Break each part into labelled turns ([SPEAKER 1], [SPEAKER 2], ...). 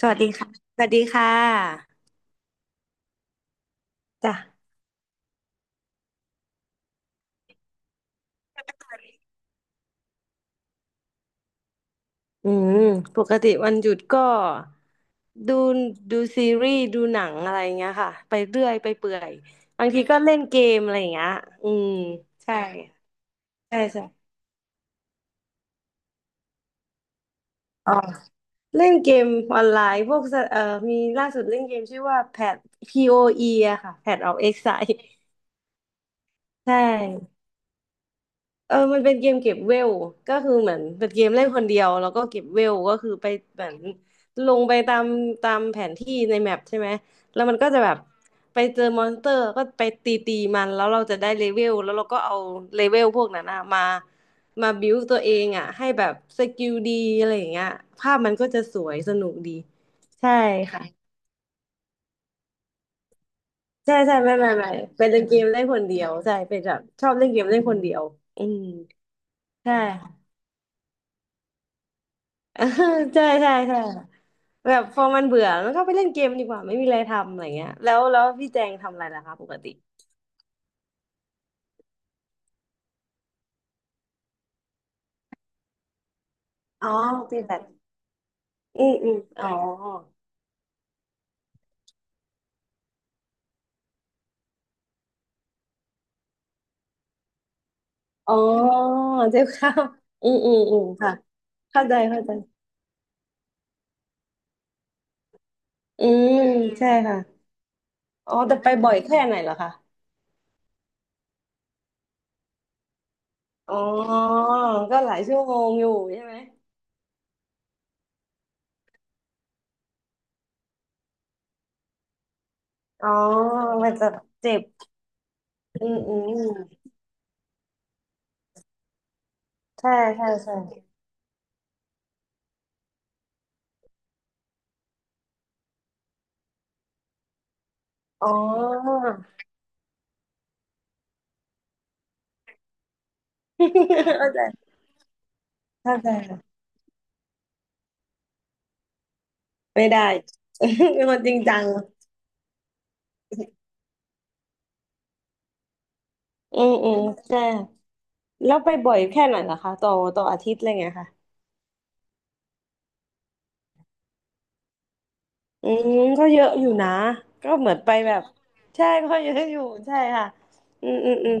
[SPEAKER 1] สวัสดีค่ะสวัสดีค่ะจ้ะอืมปกติวันหยุดก็ดูดูซีรีส์ดูหนังอะไรอย่างเงี้ยค่ะไปเรื่อยไปเปื่อยบางทีก็เล่นเกมอะไรอย่างเงี้ยอืมใช่ใช่ใช่อ๋อเล่นเกมออนไลน์พวกสมีล่าสุดเล่นเกมชื่อว่าแพท POE ออีอะค่ะ Path of Exile ใช่ เออมันเป็นเกมเก็บเวลก็คือเหมือนเป็นเกมเล่นคนเดียวแล้วก็เก็บเวลก็คือไปเหมือนลงไปตามแผนที่ในแมปใช่ไหมแล้วมันก็จะแบบไปเจอมอนสเตอร์ก็ไปตีมันแล้วเราจะได้เลเวลแล้วเราก็เอาเลเวลพวกนั้นอะมามาบิวตัวเองอะให้แบบสกิลดีอะไรอย่างเงี้ยภาพมันก็จะสวยสนุกดีใช่ค่ะใช่ใช่ไม่ไม่ไม่เป็นเกมเล่นคนเดียวใช่เป็นแบบชอบเล่นเกมเล่นคนเดียวอืมใช่ เออใช่ใช่ใช่แบบพอมันเบื่อมันก็ไปเล่นเกมดีกว่าไม่มีอะไรทำอะไรเงี้ยแล้วพี่แจงทำอะไรล่ะคะปกติอ๋อตีแบดอืมอืมอ๋ออ๋อเจ็บข้าวอืมอืมอืมค่ะเข้าใจเข้าใจอืมใช่ค่ะอ๋อแต่ไปบ่อยแค่ไหนเหรอคะอ๋อก็หลายชั่วโมงอยู่ใช่ไหมอ๋อมันจะเจ็บอืมอืมใช่ใช่ใช่อ๋อ เข้าใจเข้าใจ ไม่ได้ เป็นคนจริงจังอืมอืมใช่ค่ะแล้วไปบ่อยแค่ไหนล่ะคะต่ออาทิตย์อะไรเงี้ยค่ะอืมก็เยอะอยู่นะก็เหมือนไปแบบใช่ก็เยอะอยู่ใช่ค่ะอืมอืมอืม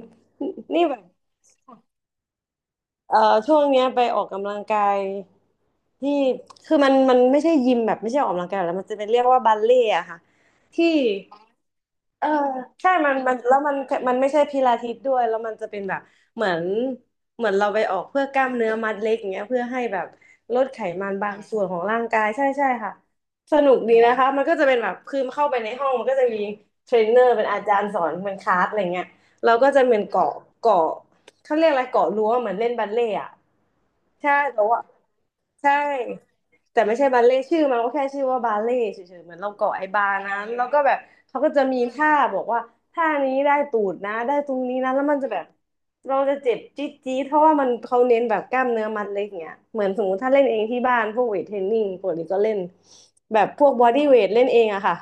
[SPEAKER 1] นี่แบบเอ่อช่วงเนี้ยไปออกกำลังกายที่คือมันไม่ใช่ยิมแบบไม่ใช่ออกกำลังกายแล้วมันจะเป็นเรียกว่าบัลเล่ต์อะค่ะที่ เออใช่มันแล้วมันมันไม่ใช่พิลาทิสด้วยแล้วมันจะเป็นแบบเหมือนเหมือนเราไปออก เพื่อกล้ามเนื้อมัดเล็กอย่างเงี้ยเพื่อให้แบบลดไขมันบางส่วนของร่างกายใช่ใช่ค่ะสนุกดีนะคะมันก็จะเป็นแบบคือเข้าไปในห้องมันก็จะมีเทรนเนอร์เป็นอาจารย์สอนเป็นคลาสอะไรเงี้ยเราก็จะเหมือนเกาะ เขาเรียกอะไรเกาะรั้วเหมือนเล่นบัลเล่ต์อะใช่แต่ว่าใช่แต่ไม่ใช่บัลเล่ต์ชื่อมันก็แค่ชื่อว่าบัลเล่ต์เฉยๆเหมือนเราเกาะไอ้บาร์นั้นแล้วก็แบบเขาก็จะมีท่าบอกว่าท่านี้ได้ตูดนะได้ตรงนี้นะแล้วมันจะแบบเราจะเจ็บจี๊ดจี๊ดเพราะว่ามันเขาเน้นแบบกล้ามเนื้อมัดเล็กเงี้ยเหมือนสมมติถ้าเล่นเองที่บ้านพวกเวทเทรนนิ่งปกติก็เล่นแบบพวกบอดี้เวทเล่นเองอะค่ะ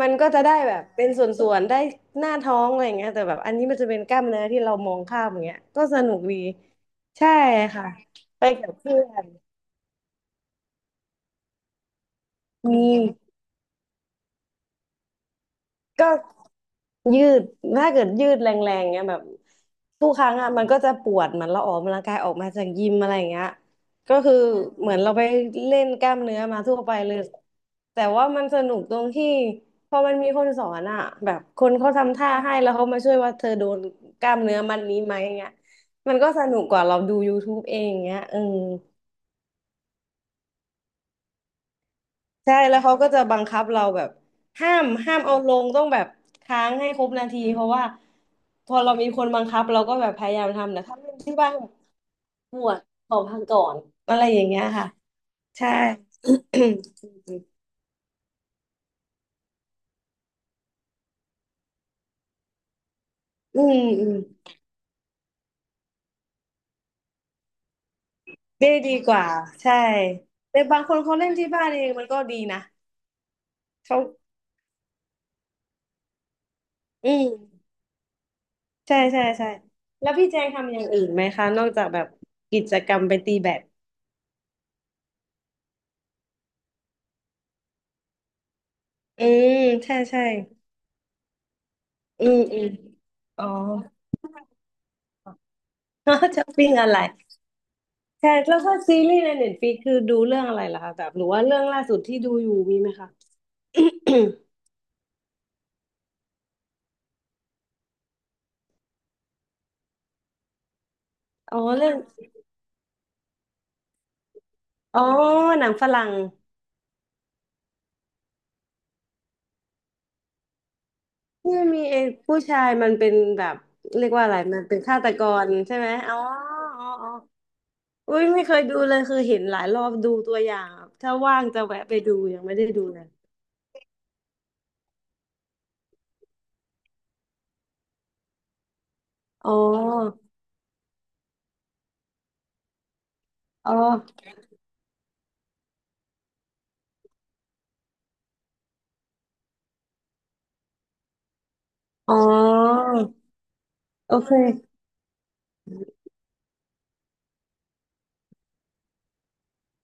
[SPEAKER 1] มันก็จะได้แบบเป็นส่วนๆได้หน้าท้องอะไรอย่างเงี้ยแต่แบบอันนี้มันจะเป็นกล้ามเนื้อที่เรามองข้ามอย่างเงี้ยก็สนุกดีใช่ค่ะไปกับเพื่อนอืมก็ ยืด ถ้าเกิดยืดแรงๆเงี้ยแบบทุกครั้งอ่ะมันก็จะปวดเหมือนเราออกกำลังกายออกมาจากยิมอะไรอย่างเงี้ยก็คือเหมือนเราไปเล่นกล้ามเนื้อมาทั่วไปเลยแต่ว่ามันสนุกตรงที่พอมันมีคนสอนอ่ะแบบคนเขาทำท่าให้แล้วเขามาช่วยว่าเธอโดนกล้ามเนื้อมัดนี้ไหมเงี้ยมันก็สนุกกว่าเราดู YouTube เองเงี้ยเออ ใช่แล้วเขาก็จะบังคับเราแบบห้ามเอาลงต้องแบบค้างให้ครบนาทีเพราะว่าพอเรามีคนบังคับเราก็แบบพยายามทำแต่ถ้าไม่ที่บ้านปวดขอพักก่อนอะไรอย่างเงี้ยค่ะใช่ อืมอืมได้ดีกว่าใช่แต่บางคนเขาเล่นที่บ้านเองมันก็ดีนะเขาอืมใช่ใช่ใช่แล้วพี่แจงทำอย่างอื่นไหมคะนอกจากแบบกิจกรรมไปตีแบดอืมใช่ใช่อืมอืมอ๋อ ช้อปปิ้งอะไรใช่แล้วก็ซีรีส์ในเน็ตฟ i ิกคือดูเรื่องอะไรล่ะคะแบบหรือว่าเรื่องล่าสุดที่ดูอยู่มีไหมคะ อ๋อเรื่องอ๋อหนังฝรั่งเนี่ยมีไอ้ผู้ชายมันเป็นแบบเรียกว่าอะไรมันเป็นฆาตกรใช่ไหมอ๋ออ๋ออ๋ออุ้ยไม่เคยดูเลยคือเห็นหลายรอบดูตัวอย่างอะถ้าว่างจะแวะไปดูยังไม่ได้ดูเลยอ๋ออ๋ออ๋อโอเค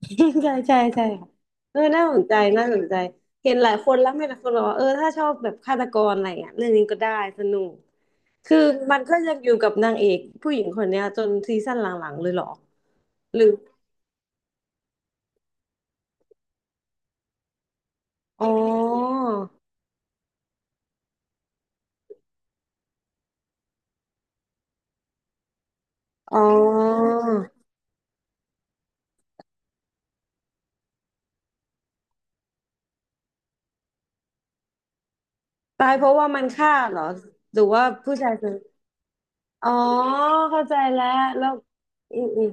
[SPEAKER 1] ใช่ใช่ใช่ค่ะเออน่าสนใจน่าสนใจเห็นหลายคนแล้วไม่หลายคนบอกว่าเออถ้าชอบแบบฆาตกรอะไรอ่ะเรื่องนี้ก็ได้สนุกคือมันก็ยังอยู่กับนางเอกผู้หญิงคนเนี้ยจนซีซั่นหลังๆเลยเหรอหรืออ๋ออ๋อตายเพราะว่ามันฆ่าเหรอหรือว่าผู้ชายคนอ๋อเข้าใจแล้วแล้วอืมอืม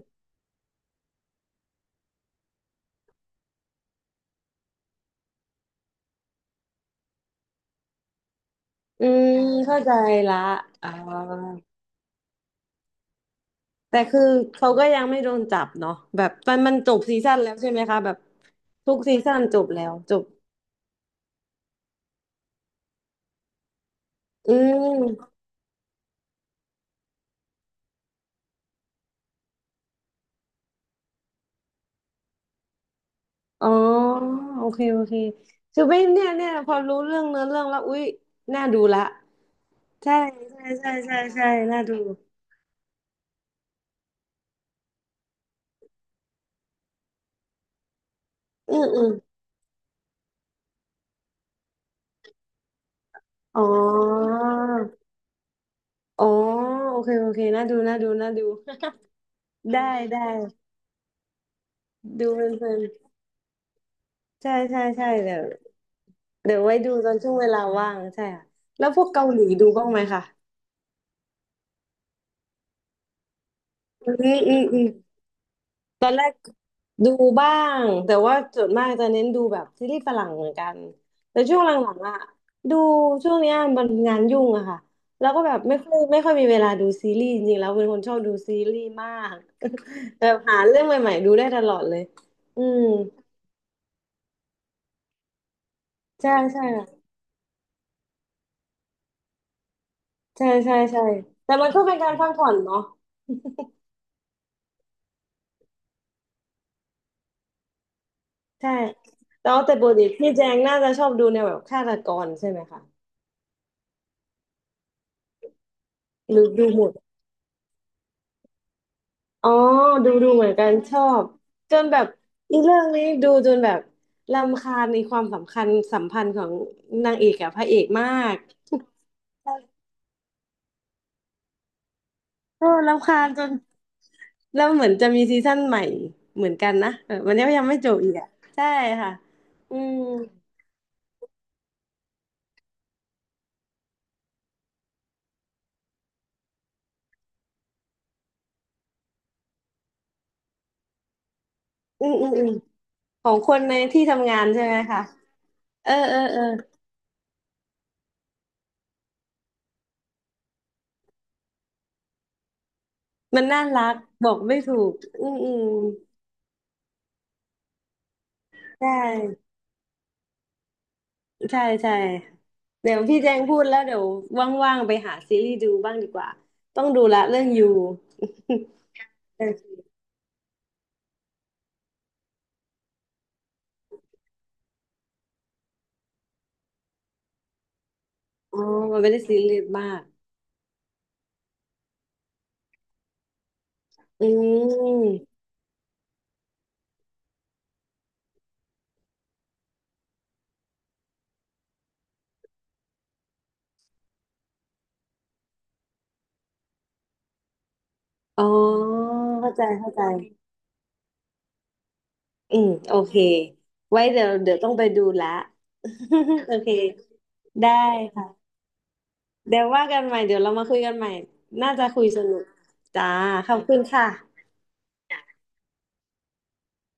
[SPEAKER 1] อืมเข้าใจละอ๋อ แต่คือเขาก็ยังไม่โดนจับเนาะแบบมันจบซีซั่นแล้วใช่ไหมคะแบบทุกซีซั่นจบแล้วจบอืมอ๋อโอเคโอเคคือไม่เนี่ยพอรู้เรื่องเนื้อเรื่องแล้วอุ๊ยน่าดูละใช่ใช่ใช่ใช่ใช่น่าดูอืมอืมอ๋ออ๋อโอเคโอเคน่าดูน่าดูน่าดู ได้ได้ดูเพลินๆใช่ใช่ใช่เดี๋ยวเดี๋ยวไว้ดูตอนช่วงเวลาว่างใช่ค่ะแล้วพวกเกาหลีดูบ้างไหมคะ อืมอืมอืมตอนแรกดูบ้างแต่ว่าส่วนมากจะเน้นดูแบบซีรีส์ฝรั่งเหมือนกันแต่ช่วงหลังๆอ่ะดูช่วงเนี้ยมันงานยุ่งอะค่ะแล้วก็แบบไม่ค่อยมีเวลาดูซีรีส์จริงๆแล้วเป็นคนชอบดูซีรีส์มากแบบหาเรื่องใหม่ๆดูได้ตลอดเลยอืมใช่ใช่ใช่ใช่ใช่แต่มันก็เป็นการพักผ่อนเนาะใช่แล้วแต่ปกติพี่แจงน่าจะชอบดูแนวแบบฆาตกรใช่ไหมคะหรือดูหมด อ๋อดูดูเหมือนกันชอบจนแบบอีเรื่องนี้ดูจนแบบรำคาญในความสำคัญสัมพันธ์ของนางเอกกับพระเอกมากโอ้รำคาญจนแล้วเหมือนจะมีซีซั่นใหม่เหมือนกันนะเออมันยังไม่จบอีกอ่ะใช่ค่ะอืมอืมอืมอืมของคนในที่ทำงานใช่ไหมคะเออเออเออมันน่ารักบอกไม่ถูกอืมอืมใช่ใช่ใช่ เดี๋ยวพี่แจงพูดแล้วเดี๋ยวว่างๆไปหาซีรีส์ดูบ้างดีกว่าต้องดูละเรื่องยู อ๋อมันไม่ได้ซีรียสมากอืมอ๋อเข้าใจเข้าใจอืมโอเคไว้เดี๋ยวเดี๋ยวต้องไปดูละ โอเคได้ค่ะเดี๋ยวว่ากันใหม่เดี๋ยวเรามาคุยกันใหม่น่าจะคุยสนุกจ้าขอบคุณค่ะ